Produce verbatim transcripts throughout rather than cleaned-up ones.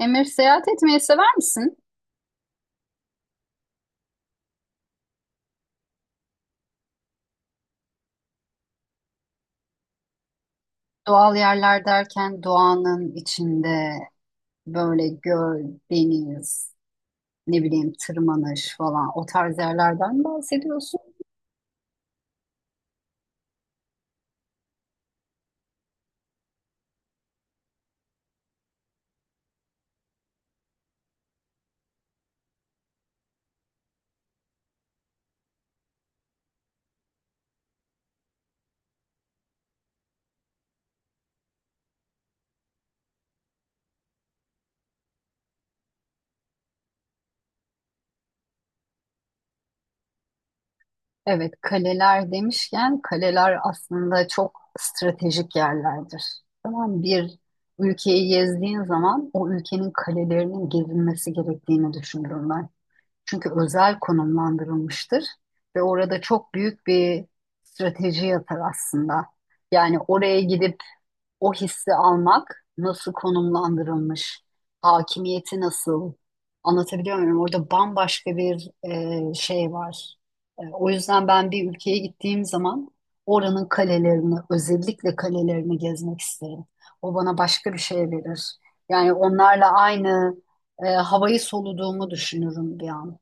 Emir, seyahat etmeyi sever misin? Doğal yerler derken doğanın içinde böyle göl, deniz, ne bileyim tırmanış falan o tarz yerlerden bahsediyorsun. Evet, kaleler demişken kaleler aslında çok stratejik yerlerdir. Tamam, bir ülkeyi gezdiğin zaman o ülkenin kalelerinin gezilmesi gerektiğini düşünürüm ben. Çünkü özel konumlandırılmıştır ve orada çok büyük bir strateji yatar aslında. Yani oraya gidip o hissi almak nasıl konumlandırılmış, hakimiyeti nasıl anlatabiliyor muyum? Orada bambaşka bir e, şey var. E, o yüzden ben bir ülkeye gittiğim zaman oranın kalelerini, özellikle kalelerini gezmek isterim. O bana başka bir şey verir. Yani onlarla aynı e, havayı soluduğumu düşünürüm bir an,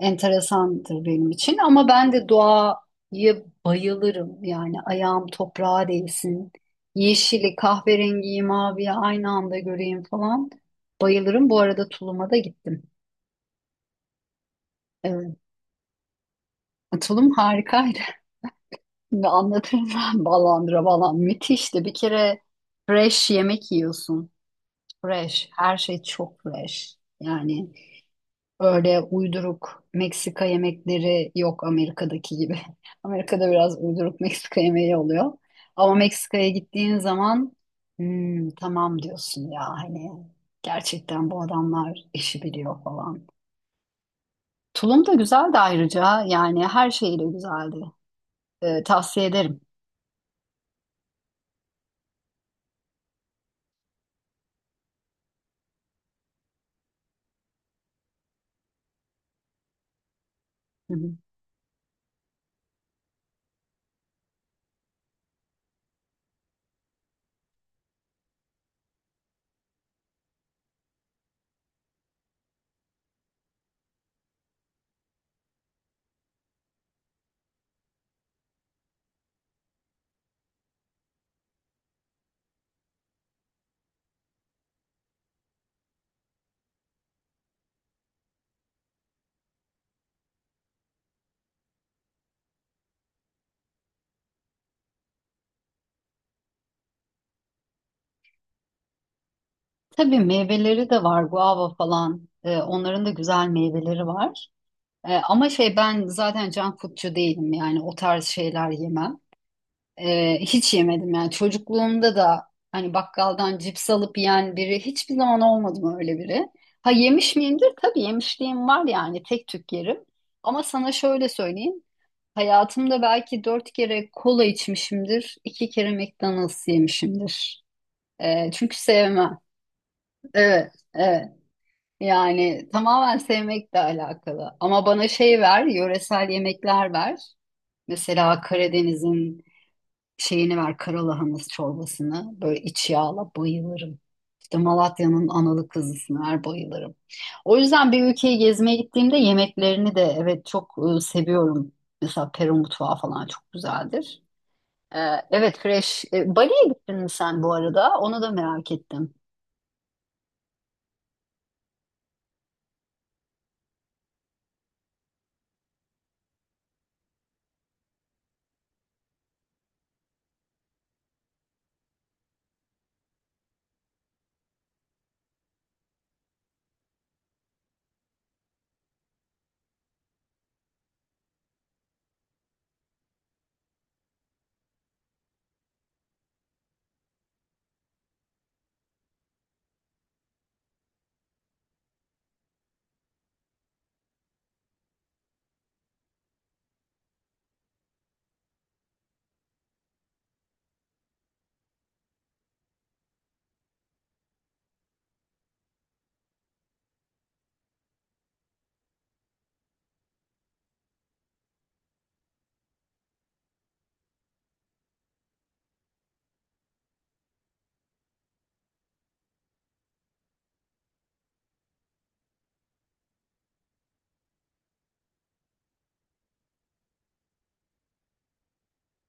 enteresandır benim için ama ben de doğaya bayılırım. Yani ayağım toprağa değsin. Yeşili, kahverengiyi, maviyi aynı anda göreyim falan. Bayılırım. Bu arada Tulum'a da gittim. Evet. Tulum harikaydı. Şimdi anlatırım ben ballandıra ballan. Müthişti. Bir kere fresh yemek yiyorsun. Fresh. Her şey çok fresh. Yani öyle uyduruk Meksika yemekleri yok Amerika'daki gibi. Amerika'da biraz uyduruk Meksika yemeği oluyor. Ama Meksika'ya gittiğin zaman Hmm, tamam diyorsun ya, hani gerçekten bu adamlar işi biliyor falan. Tulum da güzeldi ayrıca, yani her şeyle güzeldi. Ee, tavsiye ederim. Hı hı. Tabii meyveleri de var, guava falan. Ee, onların da güzel meyveleri var. Ee, ama şey, ben zaten can foodcu değilim, yani o tarz şeyler yemem. Ee, hiç yemedim yani, çocukluğumda da hani bakkaldan cips alıp yiyen biri hiçbir zaman olmadım, öyle biri. Ha, yemiş miyimdir? Tabii, yemişliğim var yani, tek tük yerim. Ama sana şöyle söyleyeyim. Hayatımda belki dört kere kola içmişimdir. İki kere McDonald's yemişimdir. Ee, çünkü sevmem. Evet, evet. Yani tamamen sevmekle alakalı. Ama bana şey ver, yöresel yemekler ver. Mesela Karadeniz'in şeyini ver, karalahanası çorbasını böyle iç yağla, bayılırım. İşte Malatya'nın analı kızısını ver, bayılırım. O yüzden bir ülkeyi gezmeye gittiğimde yemeklerini de evet çok e, seviyorum. Mesela Peru mutfağı falan çok güzeldir. Ee, evet, fresh. E, Bali'ye gittin mi sen bu arada? Onu da merak ettim.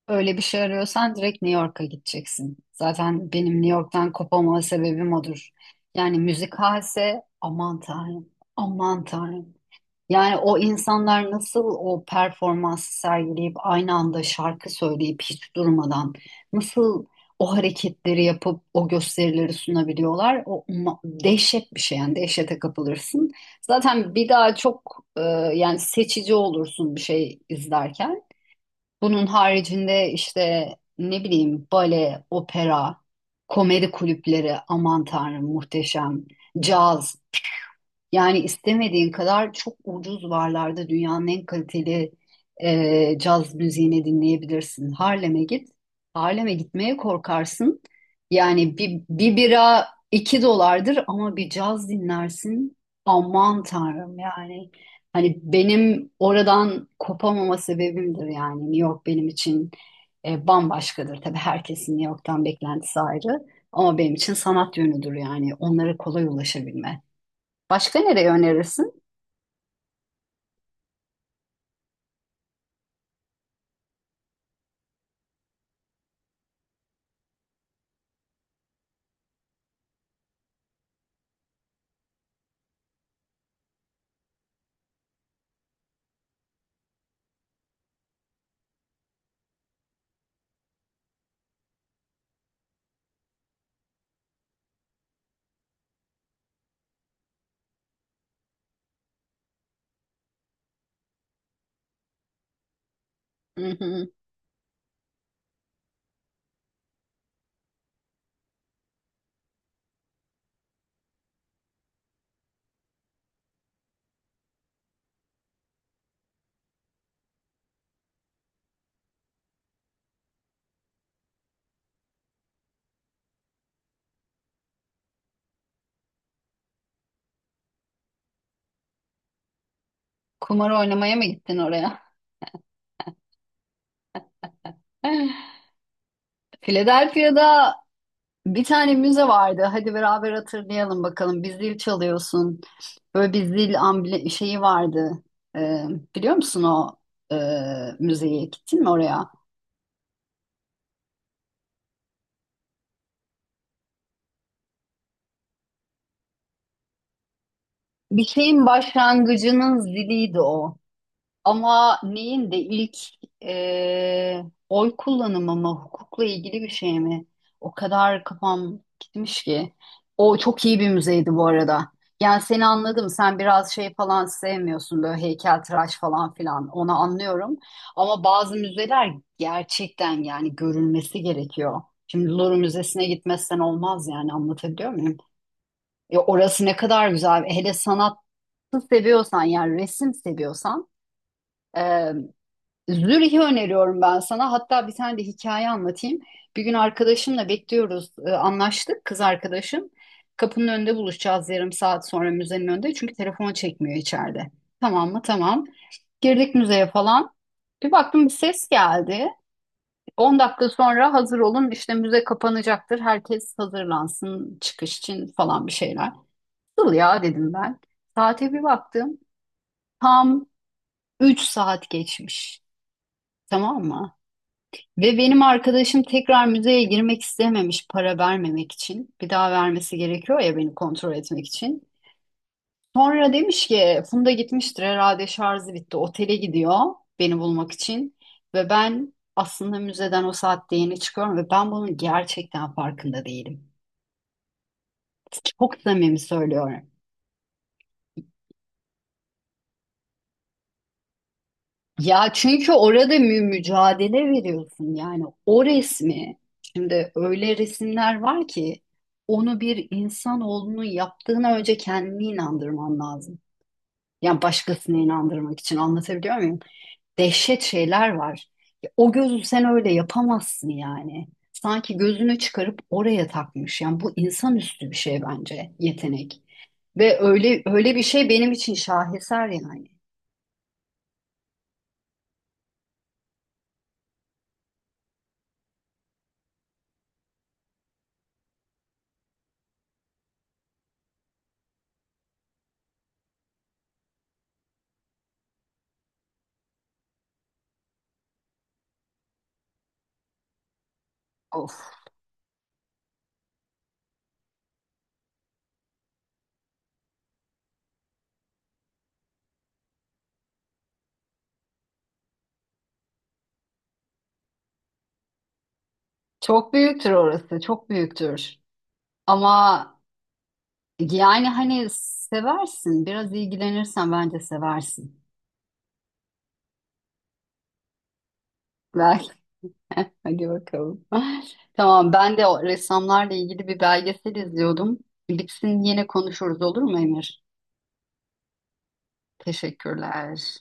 Öyle bir şey arıyorsan direkt New York'a gideceksin. Zaten benim New York'tan kopamama sebebim odur. Yani müzik halse, aman tanrım, aman tanrım. Yani o insanlar nasıl o performansı sergileyip aynı anda şarkı söyleyip hiç durmadan nasıl o hareketleri yapıp o gösterileri sunabiliyorlar? O ma- dehşet bir şey, yani dehşete kapılırsın. Zaten bir daha çok e, yani seçici olursun bir şey izlerken. Bunun haricinde işte ne bileyim bale, opera, komedi kulüpleri, aman tanrım muhteşem, caz. Yani istemediğin kadar çok ucuz varlarda dünyanın en kaliteli e, caz müziğini dinleyebilirsin. Harlem'e git. Harlem'e gitmeye korkarsın. Yani bir, bir bira iki dolardır ama bir caz dinlersin. Aman tanrım yani. Hani benim oradan kopamama sebebimdir yani. New York benim için e, bambaşkadır. Tabii herkesin New York'tan beklentisi ayrı. Ama benim için sanat yönüdür yani. Onlara kolay ulaşabilme. Başka nereye önerirsin? Hı hı. Kumar oynamaya mı gittin oraya? Philadelphia'da bir tane müze vardı. Hadi beraber hatırlayalım bakalım. Bir zil çalıyorsun. Böyle bir zil amble şeyi vardı. Ee, Biliyor musun o e, müzeye? Gittin mi oraya? Bir şeyin başlangıcının ziliydi o. Ama neyin de ilk e, oy kullanımı mı, hukukla ilgili bir şey mi? O kadar kafam gitmiş ki. O çok iyi bir müzeydi bu arada. Yani seni anladım. Sen biraz şey falan sevmiyorsun, böyle heykeltıraş falan filan. Onu anlıyorum. Ama bazı müzeler gerçekten yani görülmesi gerekiyor. Şimdi Louvre Müzesi'ne gitmezsen olmaz, yani anlatabiliyor muyum? Ya orası ne kadar güzel. Hele sanatı seviyorsan, yani resim seviyorsan. Zürih'i öneriyorum ben sana. Hatta bir tane de hikaye anlatayım. Bir gün arkadaşımla bekliyoruz. e, Anlaştık kız arkadaşım. Kapının önünde buluşacağız yarım saat sonra, müzenin önünde. Çünkü telefonu çekmiyor içeride. Tamam mı? Tamam. Girdik müzeye falan. Bir baktım bir ses geldi. On dakika sonra hazır olun, işte müze kapanacaktır. Herkes hazırlansın çıkış için falan, bir şeyler. Nasıl ya, dedim ben. Saate bir baktım. Tam üç saat geçmiş. Tamam mı? Ve benim arkadaşım tekrar müzeye girmek istememiş para vermemek için. Bir daha vermesi gerekiyor ya, beni kontrol etmek için. Sonra demiş ki Funda gitmiştir herhalde, şarjı bitti. Otele gidiyor beni bulmak için. Ve ben aslında müzeden o saatte yeni çıkıyorum ve ben bunun gerçekten farkında değilim. Çok samimi söylüyorum. Ya çünkü orada mü- mücadele veriyorsun yani o resmi. Şimdi öyle resimler var ki onu bir insanoğlunun yaptığına önce kendini inandırman lazım. Yani başkasını inandırmak için, anlatabiliyor muyum? Dehşet şeyler var. Ya o gözü sen öyle yapamazsın yani. Sanki gözünü çıkarıp oraya takmış. Yani bu insanüstü bir şey bence, yetenek. Ve öyle öyle bir şey benim için şaheser yani. Of. Çok büyüktür orası, çok büyüktür. Ama yani hani seversin, biraz ilgilenirsen bence seversin. Belki. Hadi bakalım. Tamam, ben de o ressamlarla ilgili bir belgesel izliyordum. Bitsin yine konuşuruz, olur mu Emir? Teşekkürler.